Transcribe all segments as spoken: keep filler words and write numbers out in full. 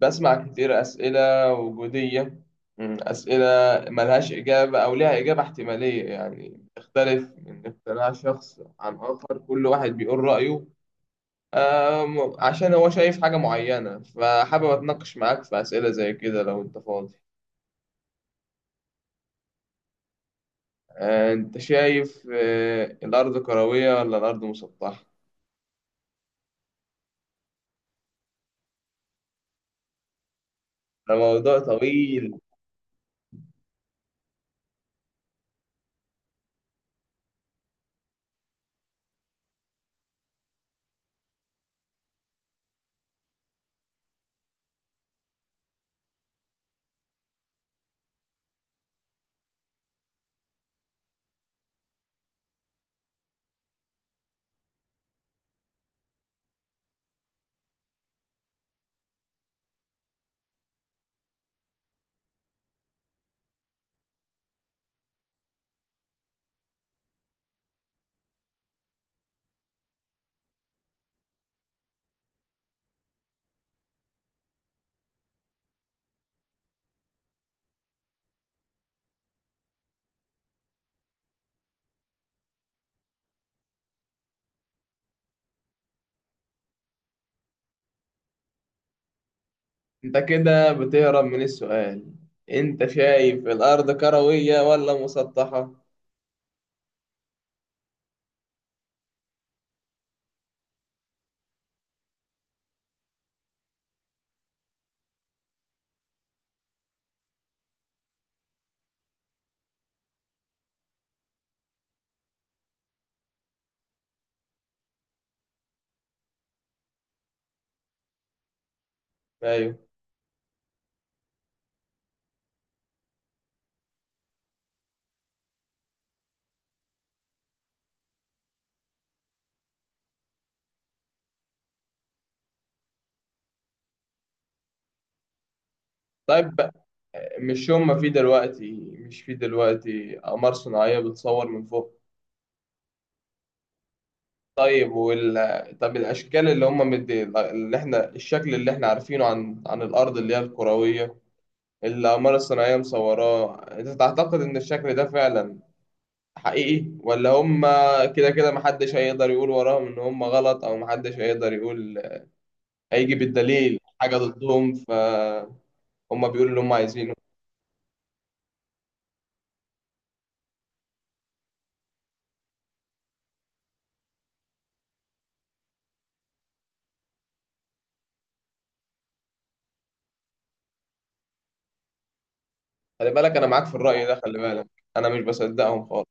بسمع كتير أسئلة وجودية، مم، أسئلة ملهاش إجابة أو ليها إجابة احتمالية، يعني تختلف من اقتناع شخص عن آخر، كل واحد بيقول رأيه. آم، عشان هو شايف حاجة معينة، فحابب أتناقش معاك في أسئلة زي كده لو أنت فاضي. آه، أنت شايف، آه، الأرض كروية ولا الأرض مسطحة؟ ده موضوع طويل. أنت كده بتهرب من السؤال، أنت شايف الأرض كروية ولا مسطحة؟ أيوه. طيب، مش هما في دلوقتي مش في دلوقتي أقمار صناعية بتصور من فوق؟ طيب وال... طب، الأشكال اللي هما مدي اللي احنا الشكل اللي احنا عارفينه عن عن الأرض اللي هي الكروية، اللي الأقمار الصناعية مصوراه، أنت تعتقد إن الشكل ده فعلا حقيقي؟ ولا هما كده كده محدش هيقدر يقول وراهم إن هما غلط، أو محدش هيقدر يقول هيجي بالدليل حاجة ضدهم، فهم بيقولوا اللي هم عايزينه. خلي بالك أنا معاك في الرأي ده، خلي بالك، أنا مش بصدقهم خالص.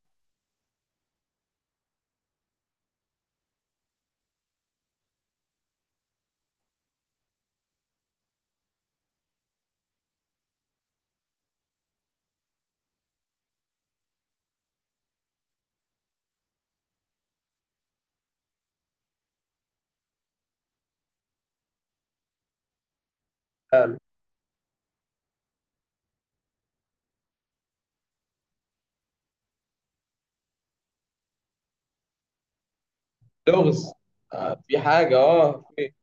لغز. آه، في حاجة، اه في،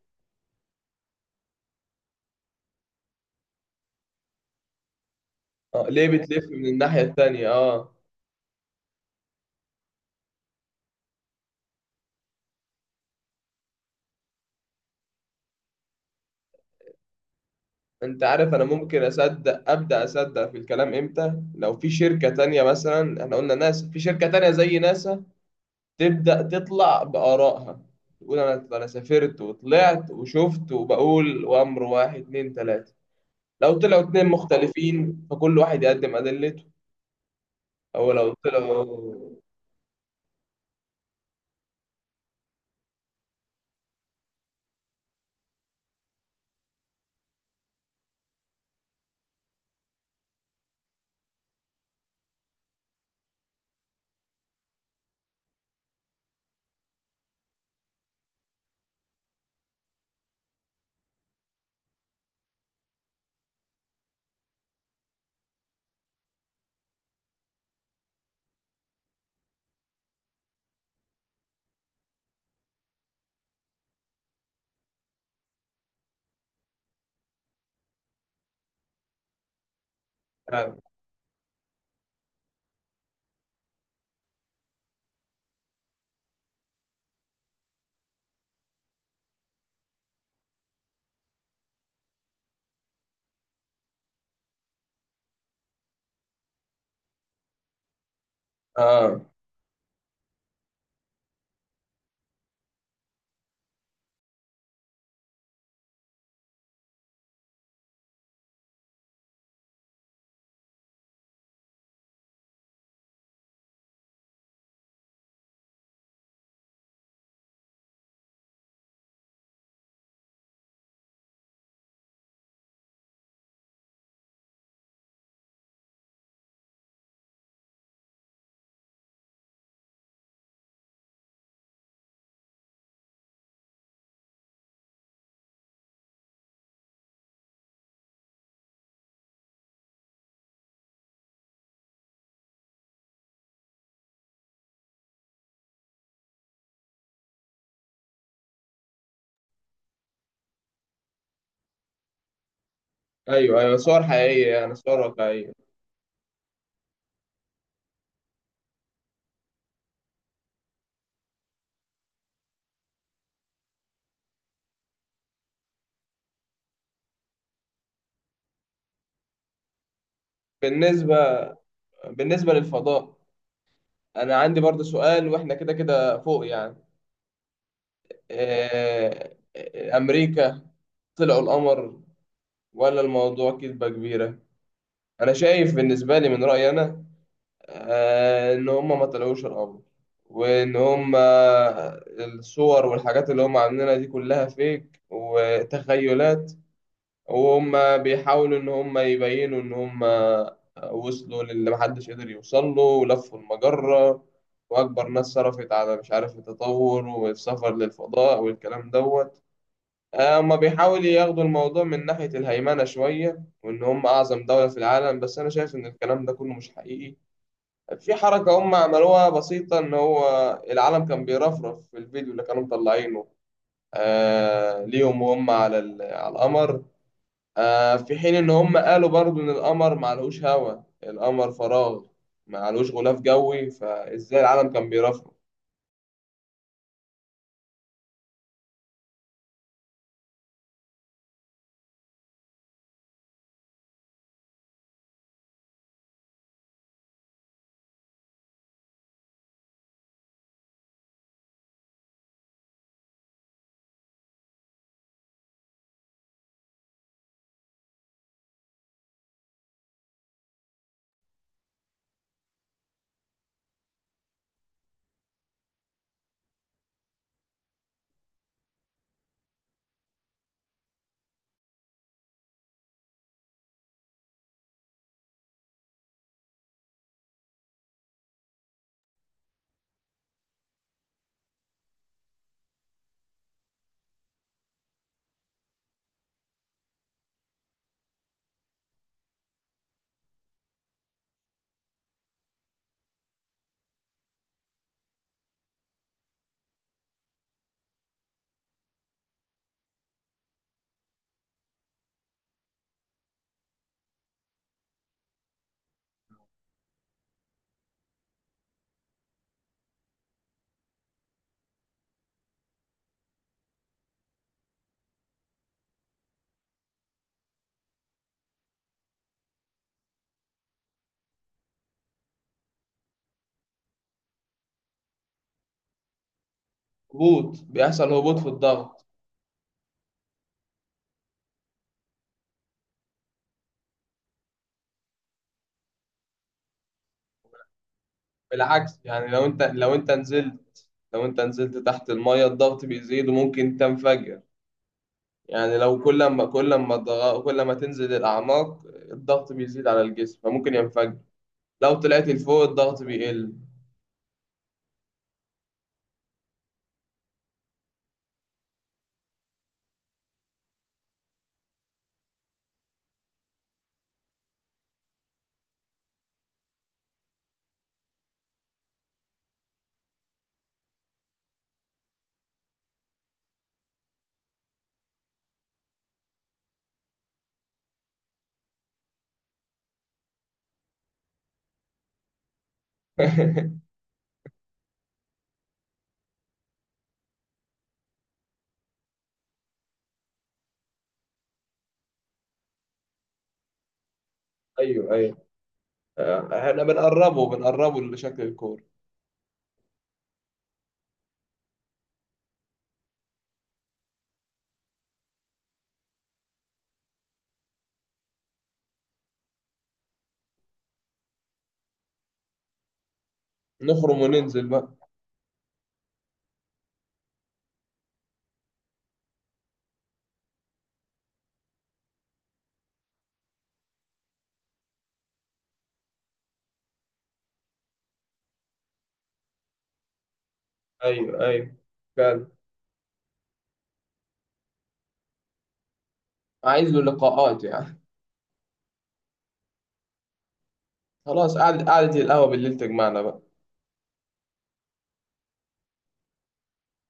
اه ليه بتلف من الناحية التانية اه انت عارف، انا ممكن اصدق، ابدا اصدق في الكلام، امتى؟ لو في شركة تانية مثلا، احنا قلنا ناسا، في شركة تانية زي ناسا تبدا تطلع بآرائها، تقول انا انا سافرت وطلعت وشفت، وبقول وامر واحد اتنين تلاتة. لو طلعوا اتنين مختلفين فكل واحد يقدم ادلته، او لو طلعوا اه آه، ايوه، ايوه، صور حقيقية، يعني صور واقعية. بالنسبة بالنسبة للفضاء، أنا عندي برضه سؤال، وإحنا كده كده فوق يعني. آه، آه، أمريكا طلعوا القمر ولا الموضوع كذبة كبيرة؟ أنا شايف، بالنسبة لي من رأيي أنا، آه، إن هما ما طلعوش القمر، وإن هما الصور والحاجات اللي هما عاملينها دي كلها فيك وتخيلات، وهم بيحاولوا إن هم يبينوا إن هم وصلوا للي محدش قدر يوصل له ولفوا المجرة، وأكبر ناس صرفت على مش عارف التطور والسفر للفضاء والكلام دوت. آه، هما بيحاولوا ياخدوا الموضوع من ناحية الهيمنة شوية، وإن هم أعظم دولة في العالم، بس أنا شايف إن الكلام ده كله مش حقيقي. في حركة هم عملوها بسيطة، إن هو العالم كان بيرفرف في الفيديو اللي كانوا مطلعينه آه ليهم وهم على ال- على القمر، آه، في حين ان هم قالوا برضو ان القمر معلهوش هوا، القمر فراغ، معلهوش غلاف جوي، فازاي العالم كان بيرفرف؟ هبوط، بيحصل هبوط في الضغط. بالعكس، يعني لو انت لو انت نزلت لو انت نزلت تحت المية الضغط بيزيد وممكن تنفجر. يعني لو كل ما كل ما الضغ- كل ما تنزل الاعماق الضغط بيزيد على الجسم، فممكن ينفجر. لو طلعت لفوق الضغط بيقل. ايوه، ايوه، آه، احنا بنقربه بنقربه لشكل الكورة، نخرم وننزل بقى. ايوه، ايوه، فعلا، عايز له لقاءات يعني. خلاص، قعدة قعدة القهوة بالليل تجمعنا بقى.